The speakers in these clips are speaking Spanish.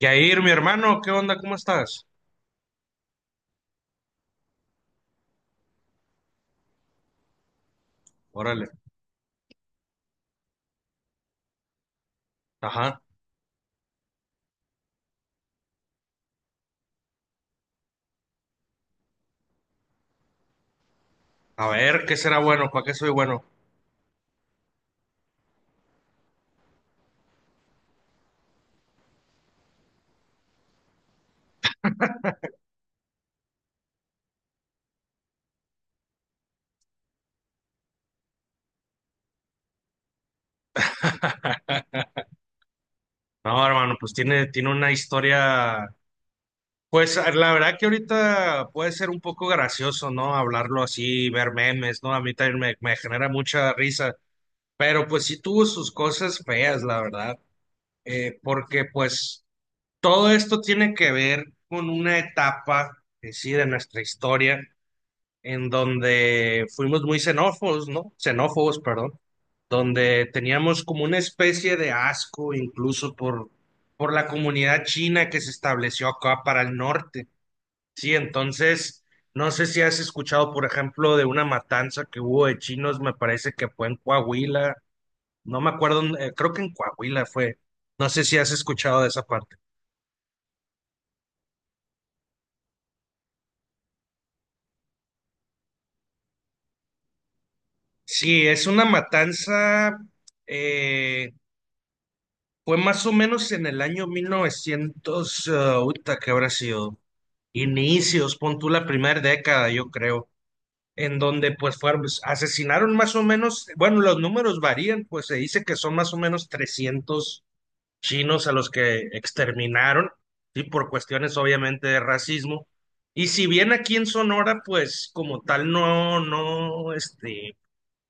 Yair, mi hermano, ¿qué onda? ¿Cómo estás? Órale, ajá. A ver, ¿qué será bueno? ¿Para qué soy bueno? No, hermano, pues tiene una historia. Pues la verdad que ahorita puede ser un poco gracioso, ¿no? Hablarlo así, ver memes, ¿no? A mí también me genera mucha risa. Pero pues sí tuvo sus cosas feas, la verdad. Porque pues todo esto tiene que ver con una etapa, sí, de nuestra historia, en donde fuimos muy xenófobos, ¿no? Xenófobos, perdón, donde teníamos como una especie de asco incluso por la comunidad china que se estableció acá para el norte. Sí, entonces, no sé si has escuchado, por ejemplo, de una matanza que hubo de chinos, me parece que fue en Coahuila, no me acuerdo, creo que en Coahuila fue, no sé si has escuchado de esa parte. Sí, es una matanza, eh, fue más o menos en el año 1900, ah, uta, ¿que habrá sido? Inicios, pon tú la primera década, yo creo, en donde pues fueron, pues, asesinaron más o menos, bueno, los números varían, pues se dice que son más o menos 300 chinos a los que exterminaron, y por cuestiones obviamente de racismo. Y si bien aquí en Sonora, pues como tal, no, no, este,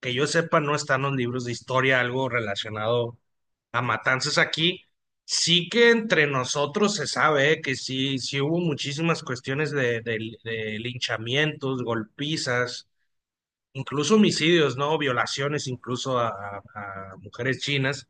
que yo sepa, no están los libros de historia, algo relacionado a matanzas aquí. Sí que entre nosotros se sabe que sí, sí hubo muchísimas cuestiones de, de linchamientos, golpizas, incluso homicidios, ¿no? Violaciones incluso a, a mujeres chinas.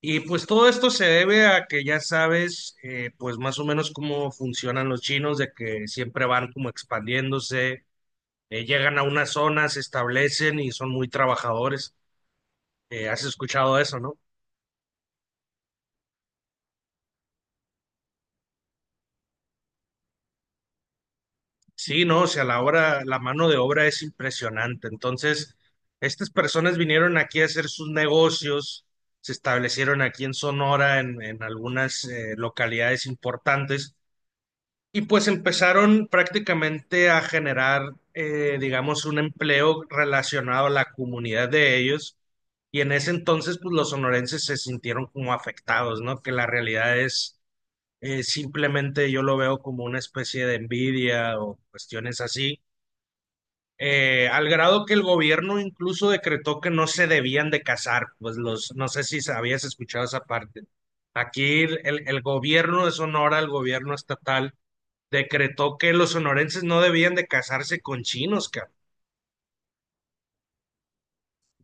Y pues todo esto se debe a que ya sabes, pues más o menos cómo funcionan los chinos, de que siempre van como expandiéndose, llegan a una zona, se establecen y son muy trabajadores. Has escuchado eso, ¿no? Sí, no, o sea, la obra, la mano de obra es impresionante. Entonces, estas personas vinieron aquí a hacer sus negocios, se establecieron aquí en Sonora, en algunas localidades importantes, y pues empezaron prácticamente a generar, digamos, un empleo relacionado a la comunidad de ellos. Y en ese entonces, pues los sonorenses se sintieron como afectados, ¿no? Que la realidad es... simplemente yo lo veo como una especie de envidia o cuestiones así, al grado que el gobierno incluso decretó que no se debían de casar, pues los, no sé si habías escuchado esa parte. Aquí el, el gobierno de Sonora, el gobierno estatal, decretó que los sonorenses no debían de casarse con chinos, cabrón.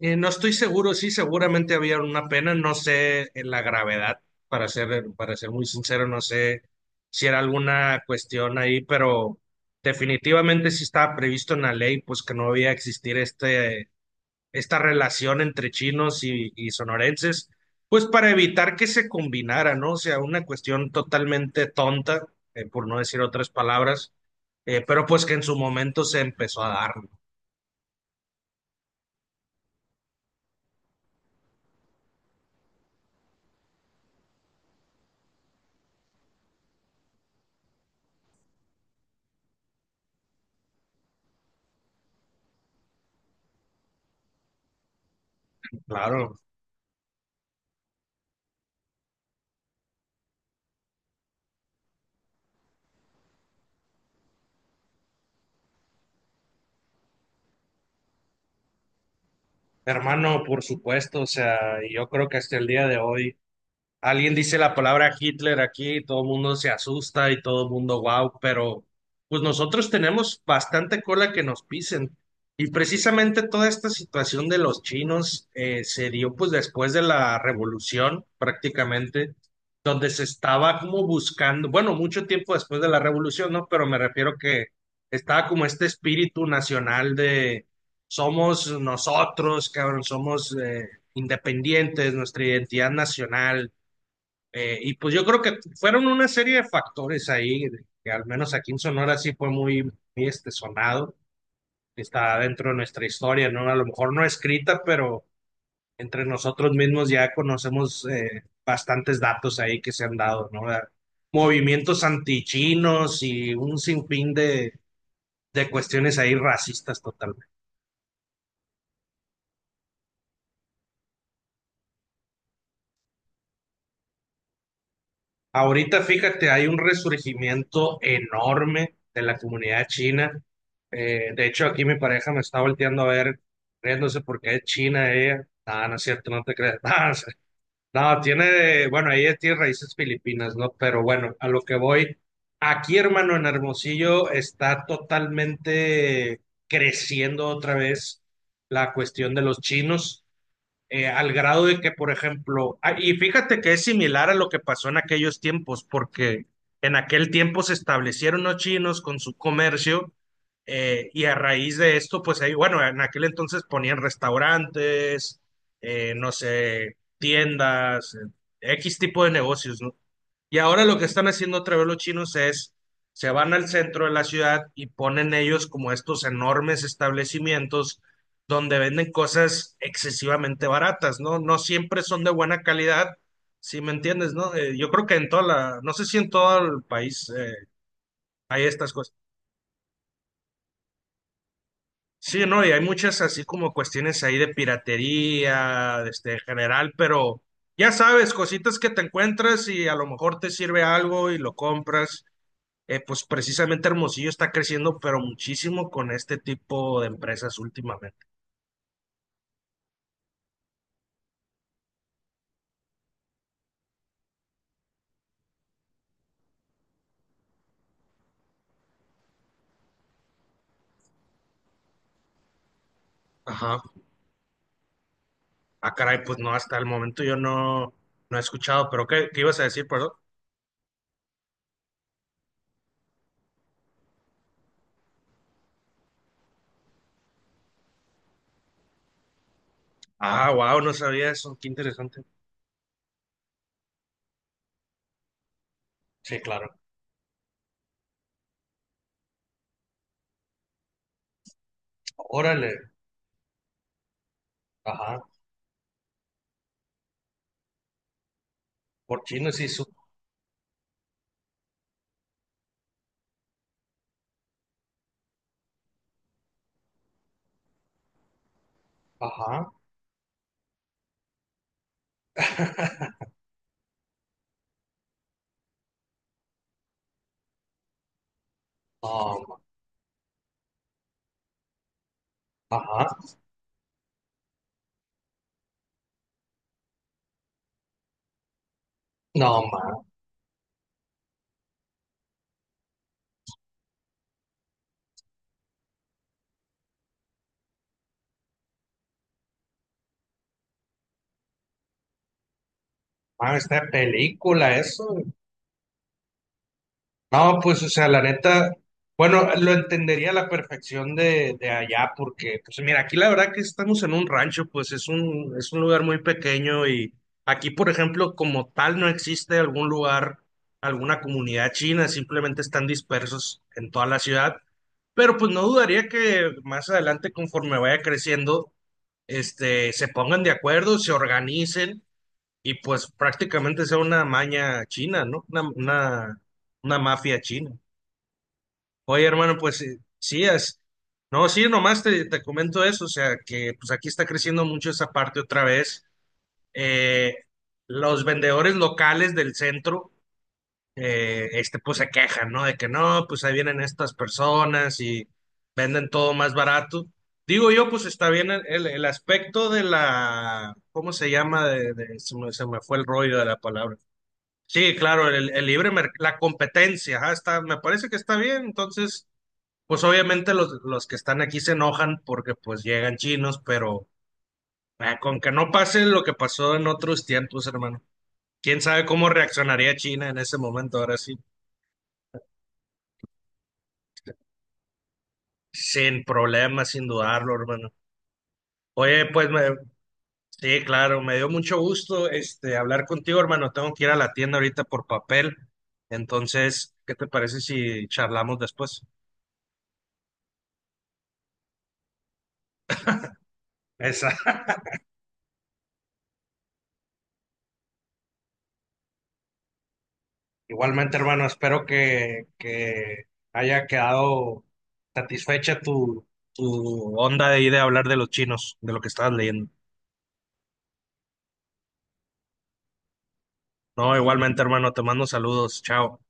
No estoy seguro, sí, seguramente había una pena, no sé en la gravedad, para ser muy sincero, no sé si era alguna cuestión ahí, pero definitivamente sí estaba previsto en la ley, pues que no debía existir este, esta relación entre chinos y sonorenses, pues para evitar que se combinara, ¿no? O sea, una cuestión totalmente tonta, por no decir otras palabras, pero pues que en su momento se empezó a dar, ¿no? Claro. Hermano, por supuesto, o sea, yo creo que hasta el día de hoy alguien dice la palabra Hitler aquí, todo el mundo se asusta y todo el mundo wow, pero pues nosotros tenemos bastante cola que nos pisen. Y precisamente toda esta situación de los chinos se dio pues después de la revolución prácticamente, donde se estaba como buscando, bueno, mucho tiempo después de la revolución, ¿no? Pero me refiero que estaba como este espíritu nacional de somos nosotros, cabrón, somos independientes, nuestra identidad nacional, y pues yo creo que fueron una serie de factores ahí, de- que al menos aquí en Sonora sí fue muy, muy, este, sonado, está dentro de nuestra historia, ¿no? A lo mejor no escrita, pero entre nosotros mismos ya conocemos bastantes datos ahí que se han dado, ¿no? Movimientos antichinos y un sinfín de cuestiones ahí racistas totalmente. Ahorita, fíjate, hay un resurgimiento enorme de la comunidad china. De hecho, aquí mi pareja me está volteando a ver, riéndose porque es china ella. Ah, no es cierto, no te creas. No, sé. No, tiene, bueno, ella tiene raíces filipinas, ¿no? Pero bueno, a lo que voy, aquí, hermano, en Hermosillo está totalmente creciendo otra vez la cuestión de los chinos, al grado de que, por ejemplo, ah, y fíjate que es similar a lo que pasó en aquellos tiempos, porque en aquel tiempo se establecieron los chinos con su comercio, y a raíz de esto, pues ahí, bueno, en aquel entonces ponían restaurantes, no sé, tiendas, X tipo de negocios, ¿no? Y ahora lo que están haciendo otra vez los chinos es, se van al centro de la ciudad y ponen ellos como estos enormes establecimientos donde venden cosas excesivamente baratas, ¿no? No siempre son de buena calidad, si me entiendes, ¿no? Yo creo que en toda la, no sé si en todo el país hay estas cosas. Sí, no, y hay muchas así como cuestiones ahí de piratería, este, en general, pero ya sabes, cositas que te encuentras y a lo mejor te sirve algo y lo compras. Pues precisamente Hermosillo está creciendo, pero muchísimo con este tipo de empresas últimamente. Ajá. Ah, caray, pues no, hasta el momento yo no, no he escuchado, pero ¿qué, qué ibas a decir, perdón? Ah, wow, no sabía eso, qué interesante. Sí, claro. Órale, ajá, por chino sí su... Ajá, no, ma- ajá, no, ma, ma, esta película, eso. No, pues, o sea, la neta, bueno, lo entendería a la perfección de allá, porque, pues, mira, aquí la verdad que estamos en un rancho, pues es un lugar muy pequeño y aquí, por ejemplo, como tal, no existe algún lugar, alguna comunidad china, simplemente están dispersos en toda la ciudad, pero pues no dudaría que más adelante, conforme vaya creciendo, este, se pongan de acuerdo, se organicen y pues prácticamente sea una maña china, ¿no? Una mafia china. Oye, hermano, pues sí, es, no, sí, nomás te comento eso, o sea, que pues aquí está creciendo mucho esa parte otra vez. Eh, los vendedores locales del centro, este, pues se quejan, ¿no? De que no, pues ahí vienen estas personas y venden todo más barato. Digo yo, pues está bien el, el aspecto de la, ¿cómo se llama? De- se me fue el rollo de la palabra. Sí, claro, el libre merc- la competencia, ajá, está, me parece que está bien, entonces. Pues obviamente los que están aquí se enojan porque pues llegan chinos, pero ah, con que no pase lo que pasó en otros tiempos, hermano. ¿Quién sabe cómo reaccionaría China en ese momento? Ahora sí, sin problemas, sin dudarlo, hermano. Oye, pues me- sí, claro, me dio mucho gusto este hablar contigo, hermano. Tengo que ir a la tienda ahorita por papel. Entonces, ¿qué te parece si charlamos después? Esa. Igualmente, hermano, espero que haya quedado satisfecha tu, tu onda de ir a hablar de los chinos, de lo que estabas leyendo. No, igualmente, hermano, te mando saludos. Chao.